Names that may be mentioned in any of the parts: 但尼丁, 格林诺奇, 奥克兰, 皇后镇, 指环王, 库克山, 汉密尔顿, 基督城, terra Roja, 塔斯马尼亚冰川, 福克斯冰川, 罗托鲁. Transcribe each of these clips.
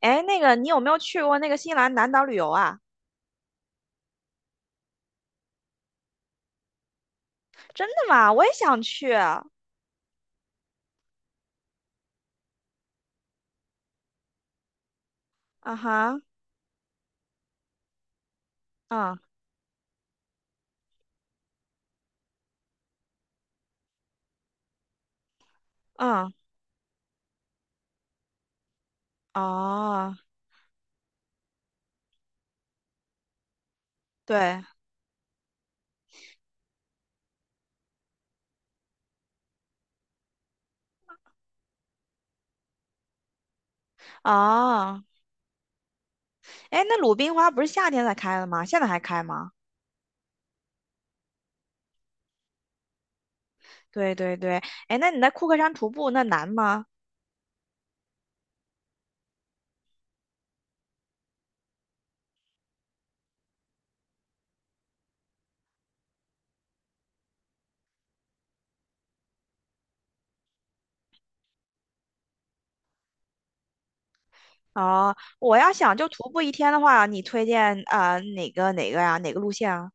哎，那个你有没有去过那个新西兰南岛旅游啊？真的吗？我也想去。啊哈，嗯嗯，哦，对，哦。哎，那鲁冰花不是夏天才开的吗？现在还开吗？对对对。哎，那你在库克山徒步那难吗？哦，我要想就徒步一天的话，你推荐啊哪个哪个呀？哪个路线啊？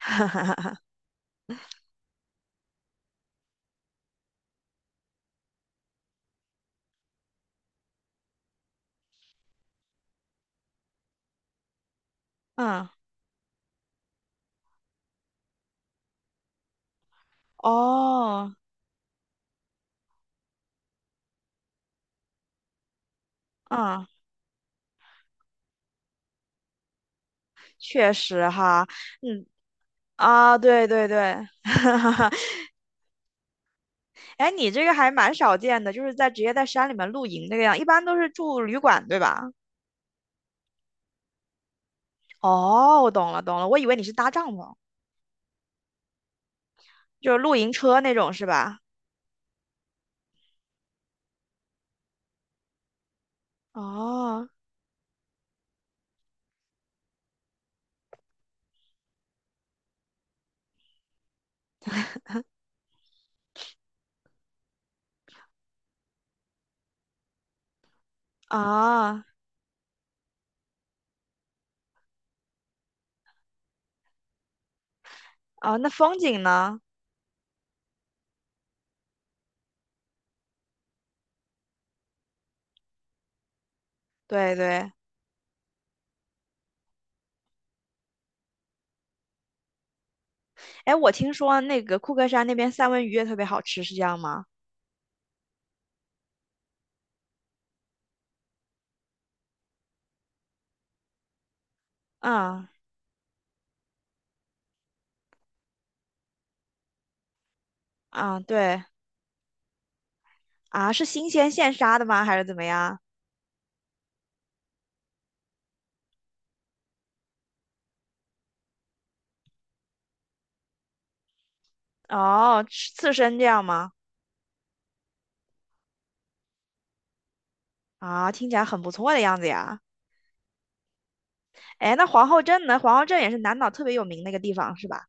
嗯，哦，嗯，确实哈，嗯啊，对对对。哎，你这个还蛮少见的，就是在直接在山里面露营这个样，一般都是住旅馆，对吧？哦，我懂了，懂了，我以为你是搭帐篷。就是露营车那种，是吧？哦，啊，啊，那风景呢？对对。哎，我听说那个库克山那边三文鱼也特别好吃，是这样吗？嗯嗯，对啊，是新鲜现杀的吗？还是怎么样？哦，吃刺身这样吗？啊，听起来很不错的样子呀。哎，那皇后镇呢？皇后镇也是南岛特别有名那个地方，是吧？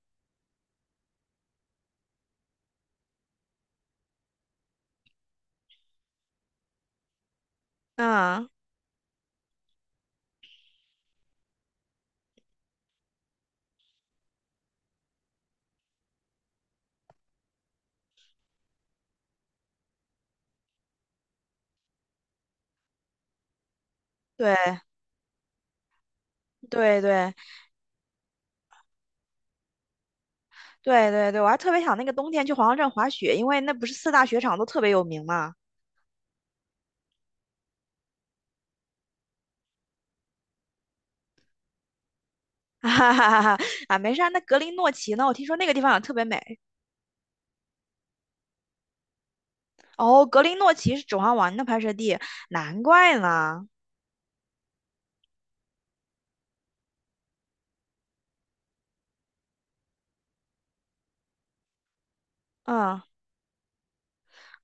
嗯，对对对对对对，我还特别想那个冬天去皇后镇滑雪，因为那不是四大雪场都特别有名嘛。哈哈哈哈啊，没事儿。那格林诺奇呢？我听说那个地方也特别美。哦，格林诺奇是《指环王》的拍摄地，难怪呢。嗯，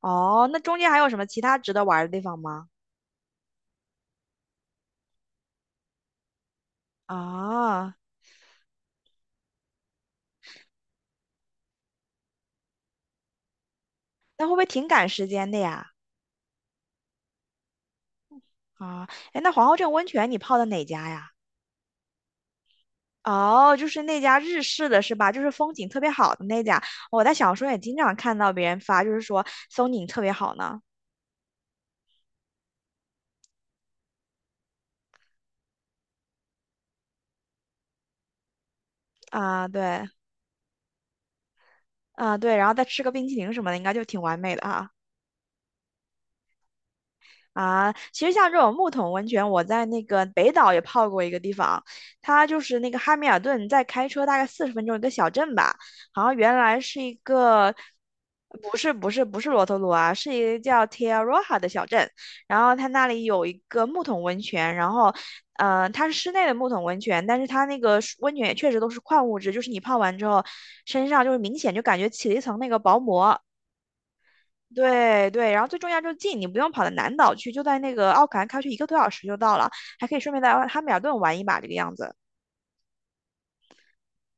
哦，那中间还有什么其他值得玩儿的地方吗？啊，那会不会挺赶时间的呀？啊，哎，那皇后镇温泉你泡的哪家呀？哦，就是那家日式的是吧？就是风景特别好的那家，我在小说也经常看到别人发，就是说风景特别好呢。啊，对，啊对，然后再吃个冰淇淋什么的，应该就挺完美的哈。啊，其实像这种木桶温泉，我在那个北岛也泡过一个地方，它就是那个汉密尔顿，在开车大概40分钟一个小镇吧。好像原来是一个，不是不是不是罗托鲁啊，是一个叫 Terra Roja 的小镇，然后它那里有一个木桶温泉，然后，它是室内的木桶温泉，但是它那个水温泉也确实都是矿物质，就是你泡完之后，身上就是明显就感觉起了一层那个薄膜。对对，然后最重要就是近，你不用跑到南岛去，就在那个奥克兰开去一个多小时就到了，还可以顺便在汉密尔顿玩一把这个样子。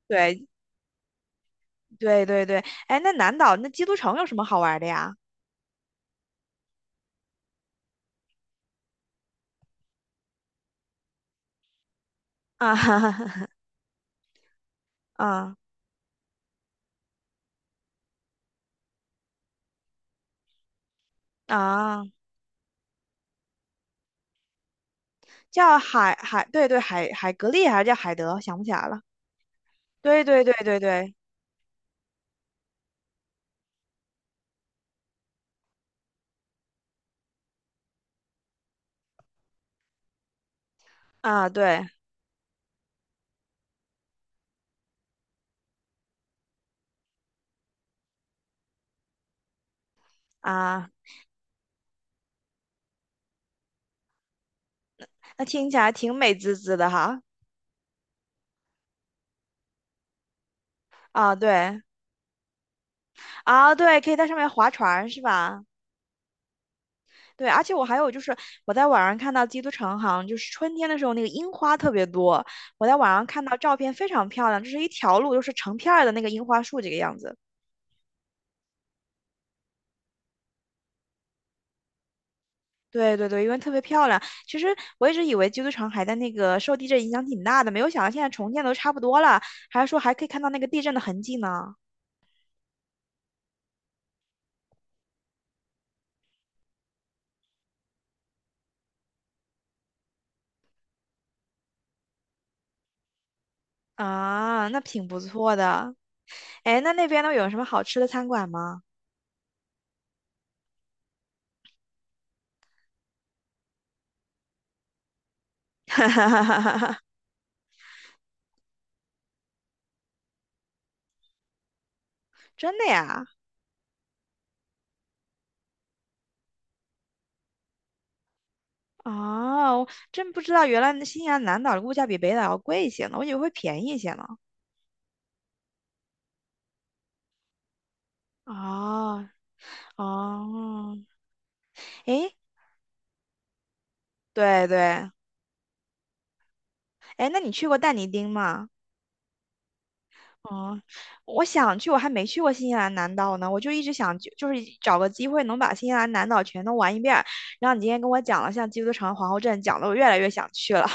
对对对对。哎，那南岛那基督城有什么好玩的呀？啊哈哈哈，啊啊，叫海海，对对海海格力还是叫海德，想不起来了。对对对对对，啊对啊，那听起来挺美滋滋的哈。啊对，啊对，可以在上面划船是吧？对，而且我还有就是，我在网上看到基督城好像就是春天的时候，那个樱花特别多。我在网上看到照片非常漂亮，就是一条路，就是成片儿的那个樱花树这个样子。对对对，因为特别漂亮。其实我一直以为基督城还在那个受地震影响挺大的，没有想到现在重建都差不多了，还是说还可以看到那个地震的痕迹呢。啊，那挺不错的。哎，那那边都有什么好吃的餐馆吗？真的呀？哦，真不知道原来那新西兰南岛的物价比北岛要贵一些呢，我以为会便宜一些呢。哦哦，诶，对对，诶，那你去过但尼丁吗？哦，我想去，我还没去过新西兰南岛呢，我就一直想就是找个机会能把新西兰南岛全都玩一遍儿，然后你今天跟我讲了像基督城、皇后镇，讲的我越来越想去了。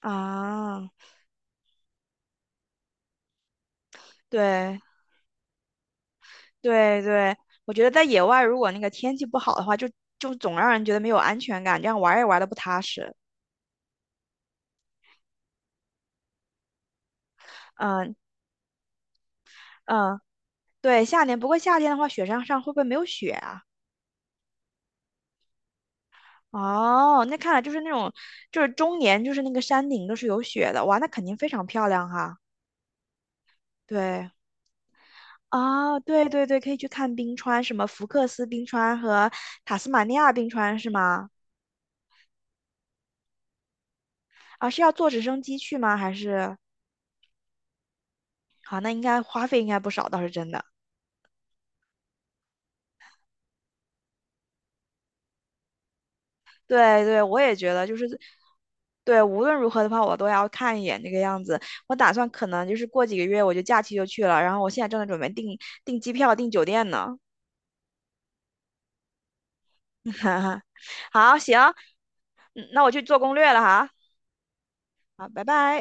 啊，对。对对，我觉得在野外，如果那个天气不好的话，就总让人觉得没有安全感，这样玩儿也玩的不踏实。嗯嗯，对，夏天。不过夏天的话，雪山上会不会没有雪啊？哦，那看来就是那种，就是终年就是那个山顶都是有雪的，哇，那肯定非常漂亮哈。对，啊，对对对，可以去看冰川，什么福克斯冰川和塔斯马尼亚冰川是吗？啊，是要坐直升机去吗？还是？好，那应该花费应该不少，倒是真的。对对，我也觉得就是，对，无论如何的话，我都要看一眼那个样子。我打算可能就是过几个月我就假期就去了，然后我现在正在准备订机票、订酒店呢。好，行，嗯那我去做攻略了哈。好，拜拜。